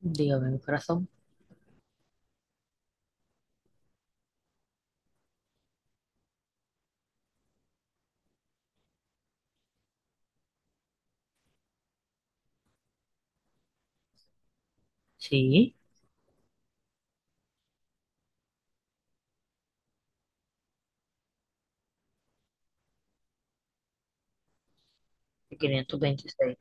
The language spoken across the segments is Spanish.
Dígame, mi corazón. Sí, 526.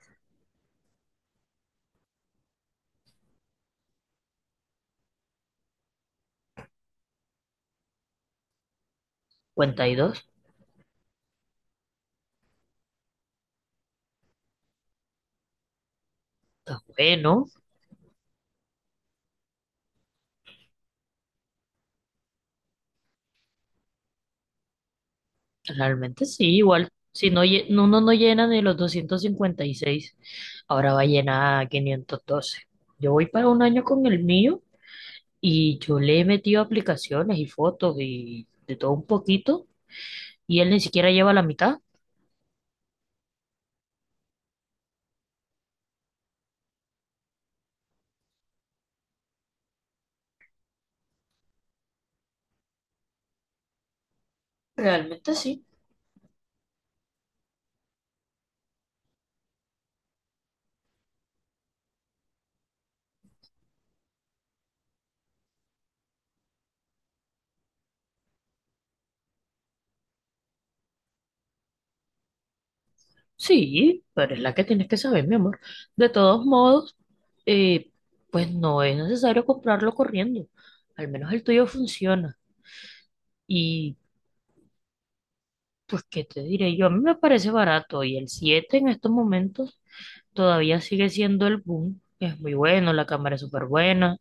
52. Está bueno. Realmente sí, igual. Si no, no, uno no llena ni los 256, ahora va a llenar 512. Yo voy para un año con el mío y yo le he metido aplicaciones y fotos y de todo un poquito y él ni siquiera lleva la mitad. Realmente sí. Sí, pero es la que tienes que saber, mi amor. De todos modos, eh, pues no es necesario comprarlo corriendo. Al menos el tuyo funciona. Y pues, ¿qué te diré yo? A mí me parece barato y el 7 en estos momentos todavía sigue siendo el boom. Es muy bueno, la cámara es súper buena.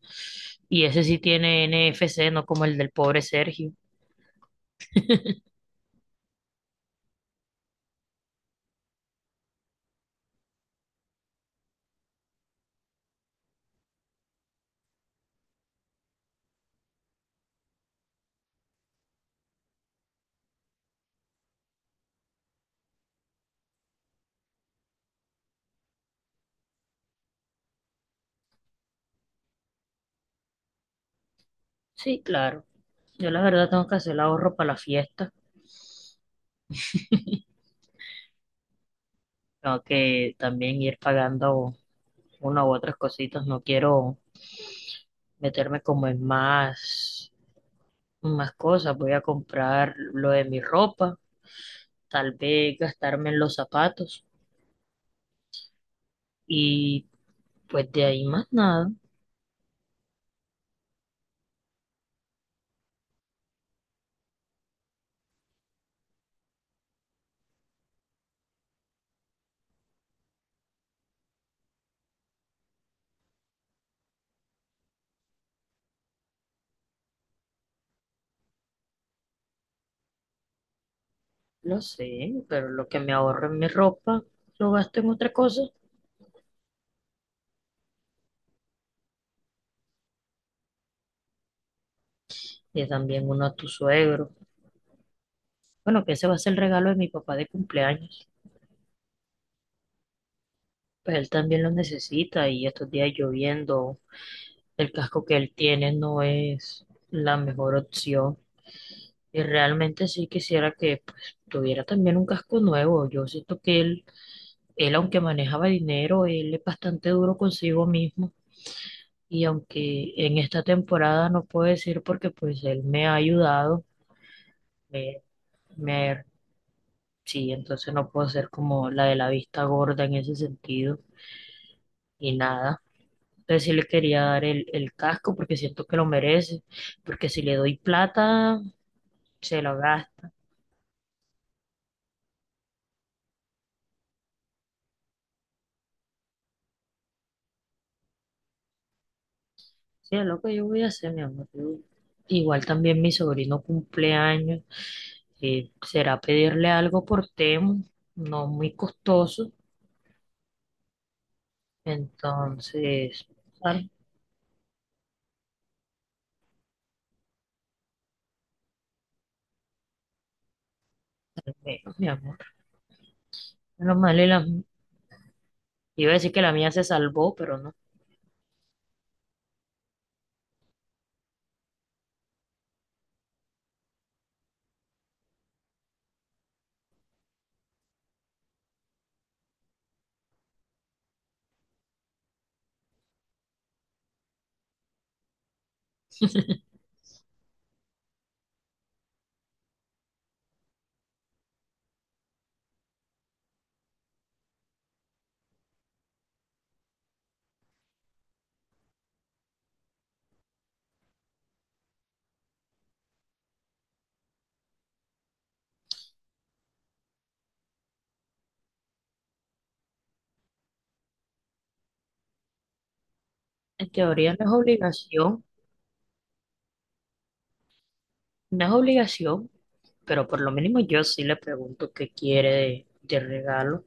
Y ese sí tiene NFC, no como el del pobre Sergio. Sí, claro. Yo la verdad tengo que hacer el ahorro para la fiesta. Tengo que también ir pagando una u otras cositas. No quiero meterme como en más. Más cosas. Voy a comprar lo de mi ropa, tal vez gastarme en los zapatos y pues de ahí más nada. Lo sé, pero lo que me ahorro en mi ropa lo gasto en otra cosa y también uno a tu suegro. Bueno, que ese va a ser el regalo de mi papá de cumpleaños. Pues él también lo necesita y estos días lloviendo, el casco que él tiene no es la mejor opción. Y realmente sí quisiera que pues, tuviera también un casco nuevo. Yo siento que Él, aunque manejaba dinero, él es bastante duro consigo mismo. Y aunque en esta temporada no puedo decir porque pues él me ha ayudado, me, me, sí, entonces no puedo ser como la de la vista gorda en ese sentido. Y nada, entonces sí le quería dar el casco porque siento que lo merece, porque si le doy plata, se lo gasta. Sí, es lo que yo voy a hacer, mi amor. Yo. Igual también mi sobrino cumpleaños. Será pedirle algo por Temu, no muy costoso. Entonces, al menos, mi amor. Menos mal, y la- iba a decir que la mía se salvó, pero no. En teoría no es obligación, no es obligación, pero por lo mínimo yo sí le pregunto qué quiere de regalo.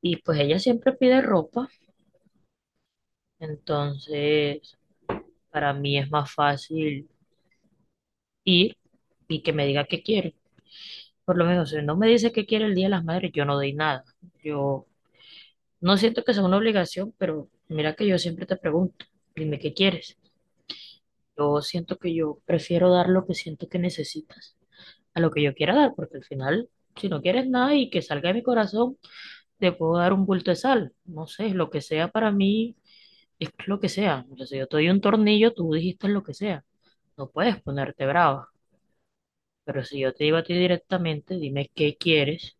Y pues ella siempre pide ropa, entonces para mí es más fácil ir y que me diga qué quiere. Por lo menos, si no me dice qué quiere el Día de las Madres, yo no doy nada. Yo no siento que sea una obligación, pero mira que yo siempre te pregunto, dime qué quieres. Yo siento que yo prefiero dar lo que siento que necesitas a lo que yo quiera dar, porque al final, si no quieres nada y que salga de mi corazón, te puedo dar un bulto de sal. No sé, lo que sea para mí es lo que sea. O sea, si yo te doy un tornillo, tú dijiste lo que sea. No puedes ponerte brava, pero si yo te digo a ti directamente, dime qué quieres,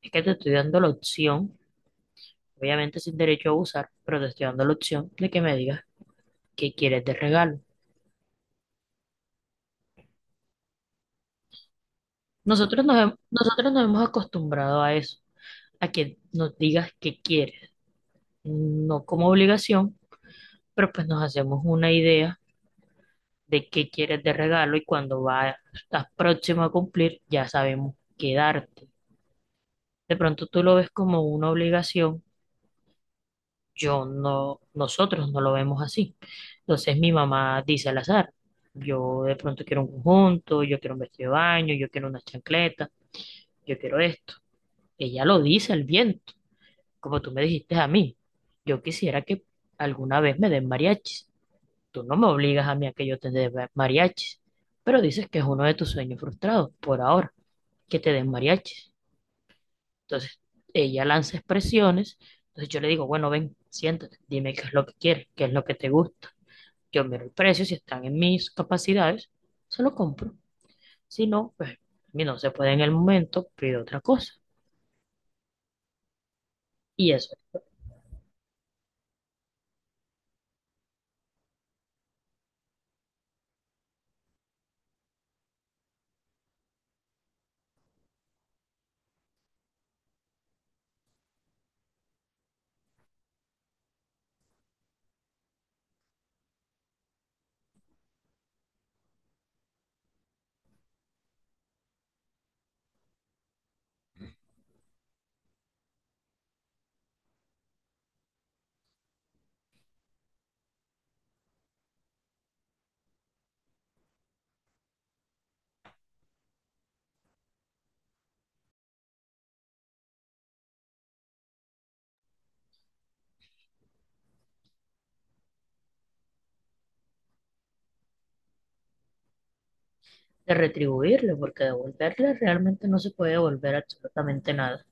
es que te estoy dando la opción, obviamente sin derecho a abusar, pero te estoy dando la opción de que me digas ¿qué quieres de regalo? Nosotros nos hemos acostumbrado a eso, a que nos digas qué quieres, no como obligación, pero pues nos hacemos una idea de qué quieres de regalo y estás próximo a cumplir, ya sabemos qué darte. De pronto tú lo ves como una obligación, yo no, nosotros no lo vemos así. Entonces mi mamá dice al azar, yo de pronto quiero un conjunto, yo quiero un vestido de baño, yo quiero una chancleta, yo quiero esto. Ella lo dice al viento como tú me dijiste a mí, yo quisiera que alguna vez me den mariachis. Tú no me obligas a mí a que yo te dé ma- mariachis, pero dices que es uno de tus sueños frustrados por ahora, que te den mariachis. Entonces, ella lanza expresiones, entonces yo le digo, bueno, ven, siéntate, dime qué es lo que quieres, qué es lo que te gusta. Yo miro el precio, si están en mis capacidades, se lo compro. Si no, pues, a mí no se puede en el momento, pido otra cosa. Y eso de retribuirle, porque devolverle realmente no se puede devolver absolutamente nada.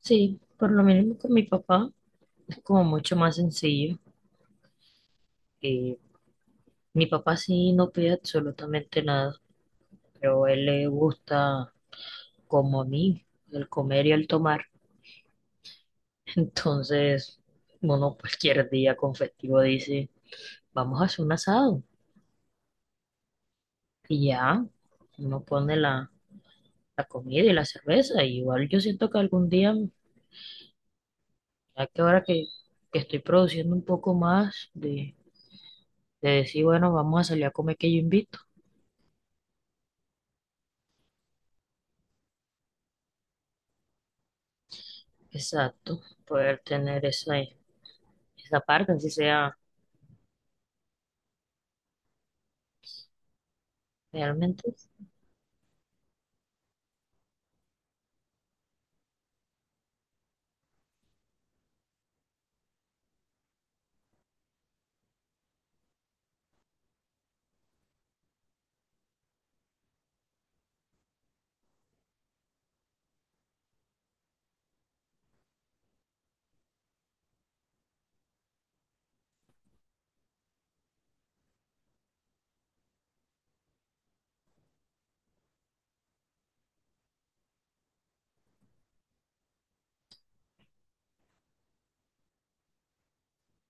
Sí, por lo mismo con mi papá es como mucho más sencillo. Eh, mi papá sí no pide absolutamente nada, pero a él le gusta, como a mí, el comer y el tomar. Entonces, uno cualquier día con festivo dice, vamos a hacer un asado. Y ya, uno pone la comida y la cerveza. Y igual yo siento que algún día ya que estoy produciendo un poco más de decir, bueno, vamos a salir a comer que yo invito. Exacto, poder tener esa, esa parte, así sea realmente.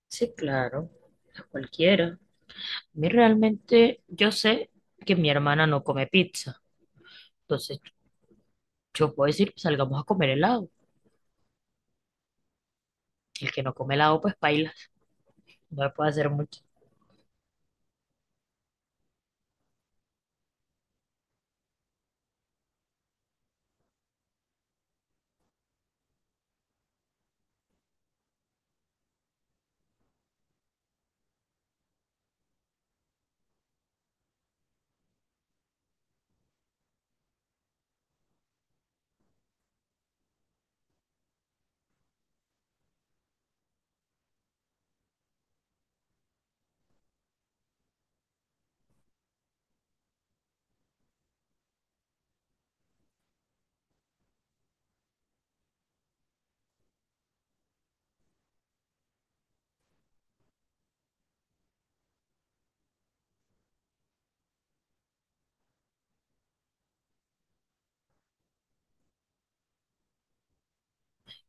Sí, claro, a cualquiera. A mí realmente, yo sé que mi hermana no come pizza, entonces yo puedo decir, salgamos a comer helado. El que no come helado, pues paila, no le puede hacer mucho.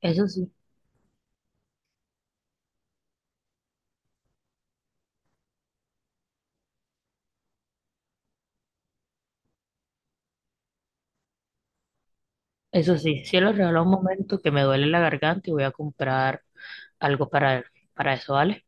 Eso sí, eso sí, si lo regalo un momento que me duele la garganta y voy a comprar algo para eso, ¿vale?